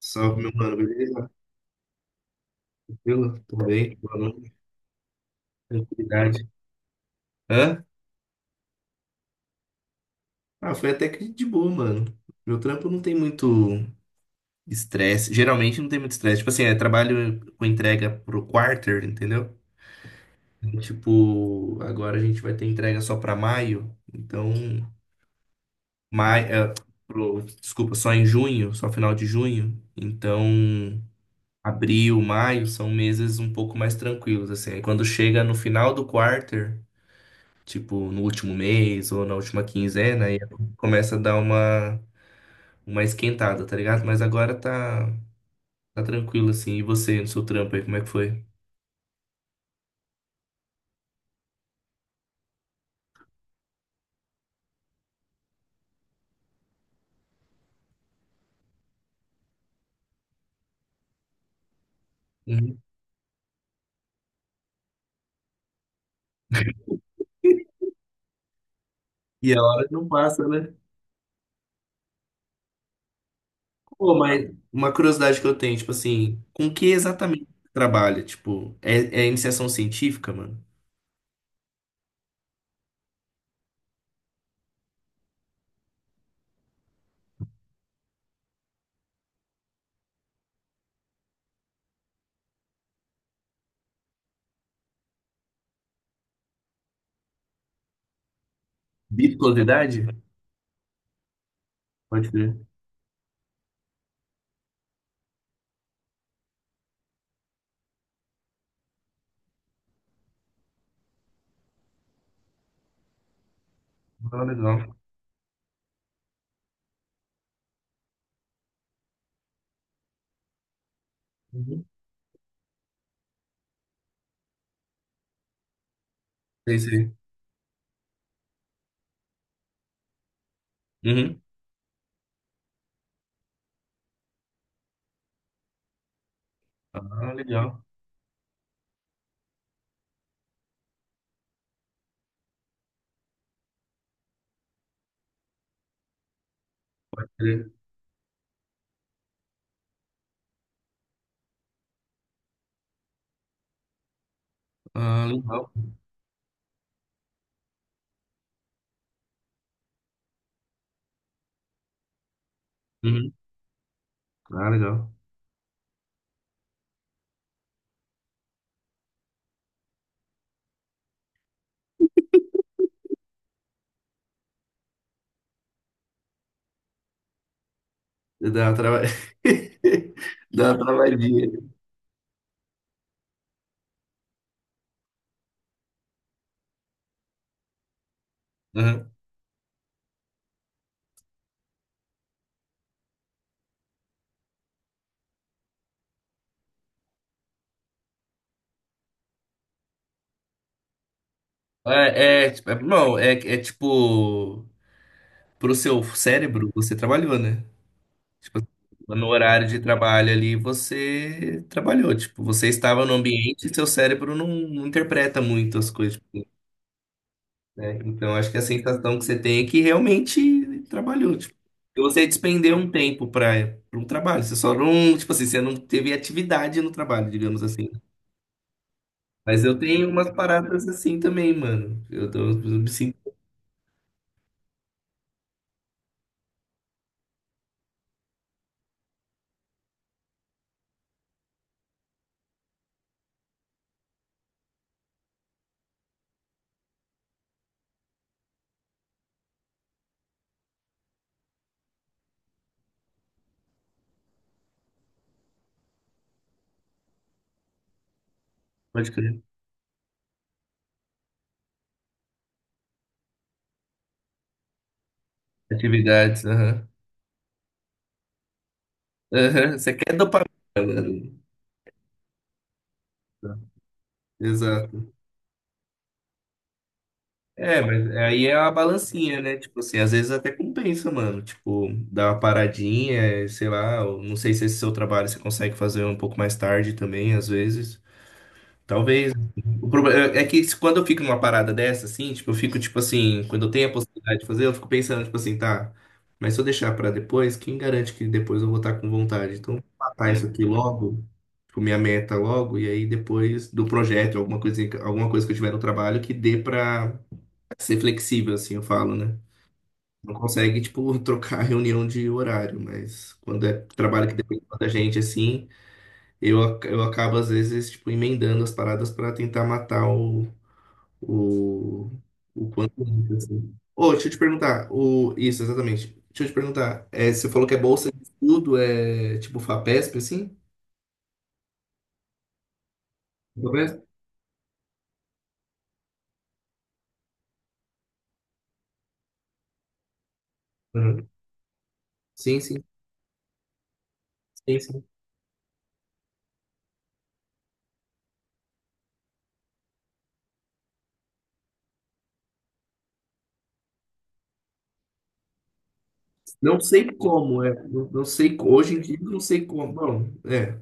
Salve, meu mano, beleza? Tranquilo? Tudo bem? Boa noite, tranquilidade. Hã? Ah, foi até que de boa, mano. Meu trampo não tem muito estresse. Geralmente não tem muito estresse. Tipo assim, é trabalho com entrega pro quarter, entendeu? Tipo, agora a gente vai ter entrega só pra maio. Então, maio, é, desculpa, só em junho, só final de junho. Então, abril, maio são meses um pouco mais tranquilos, assim. Aí quando chega no final do quarter, tipo, no último mês ou na última quinzena, e começa a dar uma esquentada, tá ligado? Mas agora tá, tá tranquilo, assim. E você, no seu trampo aí, como é que foi? Uhum. E a hora não passa, né? Pô, mas uma curiosidade que eu tenho, tipo assim, com que exatamente você trabalha? Tipo, é, é iniciação científica, mano? Viscosidade? Pode crer. Ah, legal. Uhum. Sei, sei. Uhum. Ah, legal. Pode crer. Ah, legal. Uhum. Ah, legal. Dá uma trava... Dá uma travadinha. Aham. É, é, tipo, não, é, é tipo, pro seu cérebro, você trabalhou, né? Tipo, no horário de trabalho ali, você trabalhou. Tipo, você estava no ambiente e seu cérebro não, não interpreta muito as coisas, né? Então, acho que a sensação que você tem é que realmente trabalhou, tipo. E você despendeu um tempo para um trabalho. Você só não, tipo assim, você não teve atividade no trabalho, digamos assim. Mas eu tenho umas paradas assim também, mano. Eu me sinto, pode crer. Atividades, aham. Aham, você quer dopamina? Exato. É, mas aí é uma balancinha, né? Tipo assim, às vezes até compensa, mano. Tipo, dar uma paradinha, sei lá. Eu não sei se esse seu trabalho você consegue fazer um pouco mais tarde também, às vezes. Talvez. O problema é é que se- quando eu fico numa parada dessa, assim, tipo, eu fico, tipo assim, quando eu tenho a possibilidade de fazer, eu fico pensando, tipo assim, tá, mas se eu deixar pra depois, quem garante que depois eu vou estar com vontade? Então, matar isso aqui logo, tipo, minha meta logo, e aí depois do projeto, alguma coisa que eu tiver no trabalho que dê pra ser flexível, assim, eu falo, né? Não consegue, tipo, trocar a reunião de horário, mas quando é trabalho que depende da gente, assim, eu acabo, às vezes, tipo, emendando as paradas pra tentar matar o, o quanto antes, assim. Ô, deixa eu te perguntar, o, isso, exatamente. Deixa eu te perguntar, é, você falou que é bolsa de estudo, é tipo FAPESP, assim? FAPESP? Uhum. Sim, sim, sim, sim. Não sei como, é, não, não sei, hoje em dia eu não sei como, bom, é,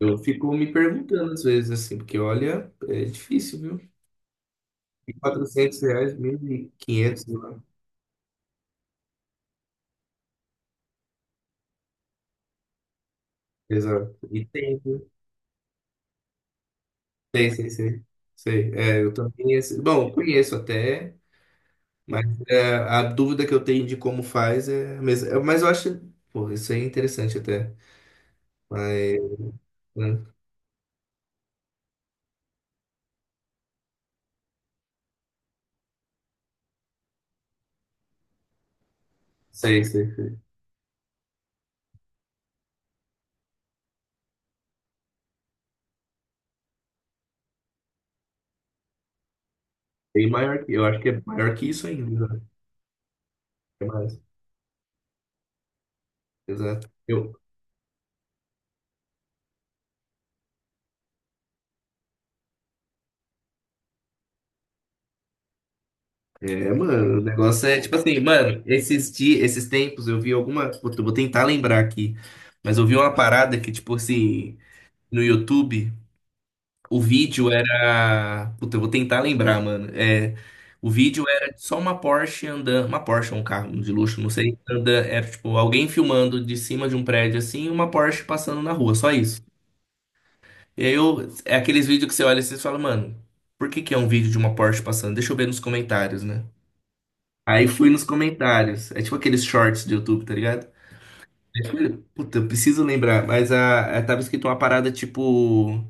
eu fico me perguntando às vezes, assim, porque olha, é difícil, viu? R$ 1.400, 1.500, lá. Exato. E tem, viu? Sei, sei, sei. Sei, é, eu também, assim, bom, conheço até, mas é, a dúvida que eu tenho de como faz é a mesma. É, mas eu acho, pô, isso aí é interessante até. Mas, né? Sei, sei, sei. Bem maior que, eu acho que é maior que isso ainda, né? É mais. Exato. Eu, é, mano, o negócio é tipo assim, mano, esses dias, esses tempos eu vi alguma. Vou vou tentar lembrar aqui, mas eu vi uma parada que, tipo assim, no YouTube. O vídeo era... Puta, eu vou tentar lembrar, mano. É, o vídeo era só uma Porsche andando. Uma Porsche, um carro de luxo, não sei. Anda, era tipo alguém filmando de cima de um prédio assim e uma Porsche passando na rua, só isso. E aí eu, é aqueles vídeos que você olha e você fala, mano, por que que é um vídeo de uma Porsche passando? Deixa eu ver nos comentários, né? Aí fui nos comentários. É tipo aqueles shorts do YouTube, tá ligado? Puta, eu preciso lembrar, mas tava escrito uma parada tipo.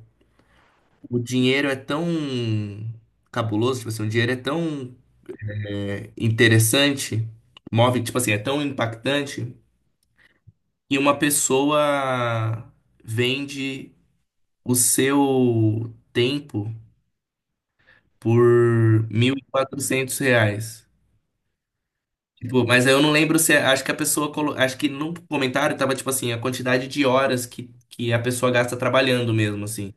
O dinheiro é tão cabuloso, tipo assim, o dinheiro é tão é, interessante, move, tipo assim, é tão impactante, que uma pessoa vende o seu tempo por mil e quatrocentos reais. Tipo, mas eu não lembro se, é, acho que a pessoa, acho que no comentário tava, tipo assim, a quantidade de horas que a pessoa gasta trabalhando mesmo, assim.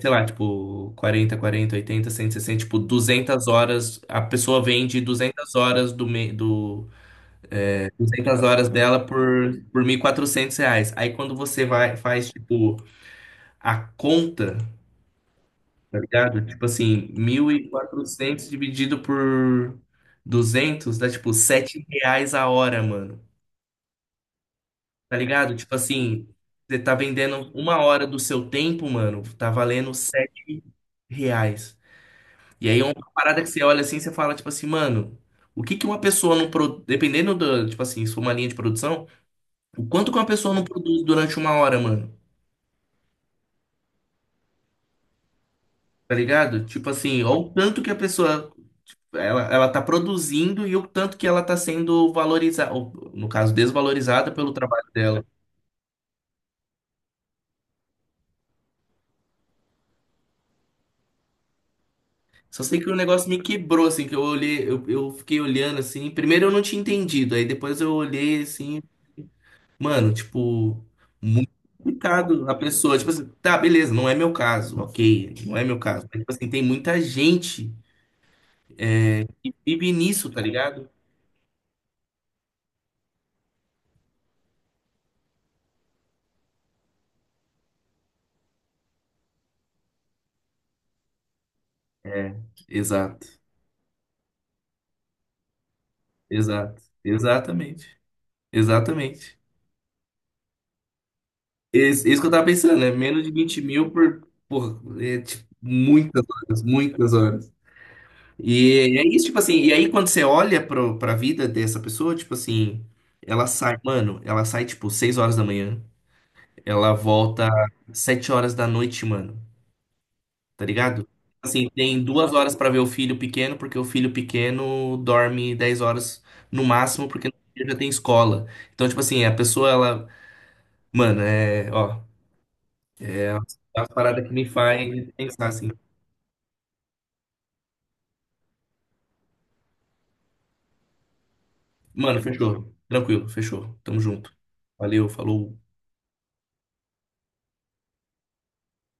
Sei lá, tipo, 40, 40, 80, 60 tipo, 200 horas, a pessoa vende 200 horas do 200 horas dela por R$ 1.400. Aí quando você vai, faz, tipo, a conta, tá ligado? Tipo assim, 1.400 dividido por 200 dá, tipo, R$ 7 a hora, mano. Tá ligado? Tipo assim, você tá vendendo uma hora do seu tempo, mano, tá valendo R$ 7. E aí é uma parada que você olha assim, você fala, tipo assim, mano, o que que uma pessoa não produz, dependendo do, tipo assim, se for uma linha de produção, o quanto que uma pessoa não produz durante uma hora, mano, tá ligado? Tipo assim, ó o tanto que a pessoa, ela tá produzindo e o tanto que ela tá sendo valorizada, ou, no caso, desvalorizada pelo trabalho dela. Só sei que o negócio me quebrou, assim, que eu olhei, eu fiquei olhando assim, primeiro eu não tinha entendido, aí depois eu olhei assim. Mano, tipo, muito complicado a pessoa. Tipo assim, tá, beleza, não é meu caso, ok, não é meu caso. Mas, tipo assim, tem muita gente que vive nisso, tá ligado? Exato, exato, exatamente, exatamente. Isso que eu tava pensando, né? Menos de 20 mil por é, tipo, muitas horas, muitas horas. E é isso, tipo assim, e aí quando você olha pro, pra vida dessa pessoa, tipo assim, ela sai, mano, ela sai, tipo, 6 horas da manhã. Ela volta 7 horas da noite, mano. Tá ligado? Assim, tem 2 horas pra ver o filho pequeno, porque o filho pequeno dorme 10 horas no máximo, porque no dia já tem escola. Então, tipo assim, a pessoa, ela... Mano, é. Ó. É uma parada que me faz pensar assim. Mano, fechou. Tranquilo, fechou. Tamo junto. Valeu, falou.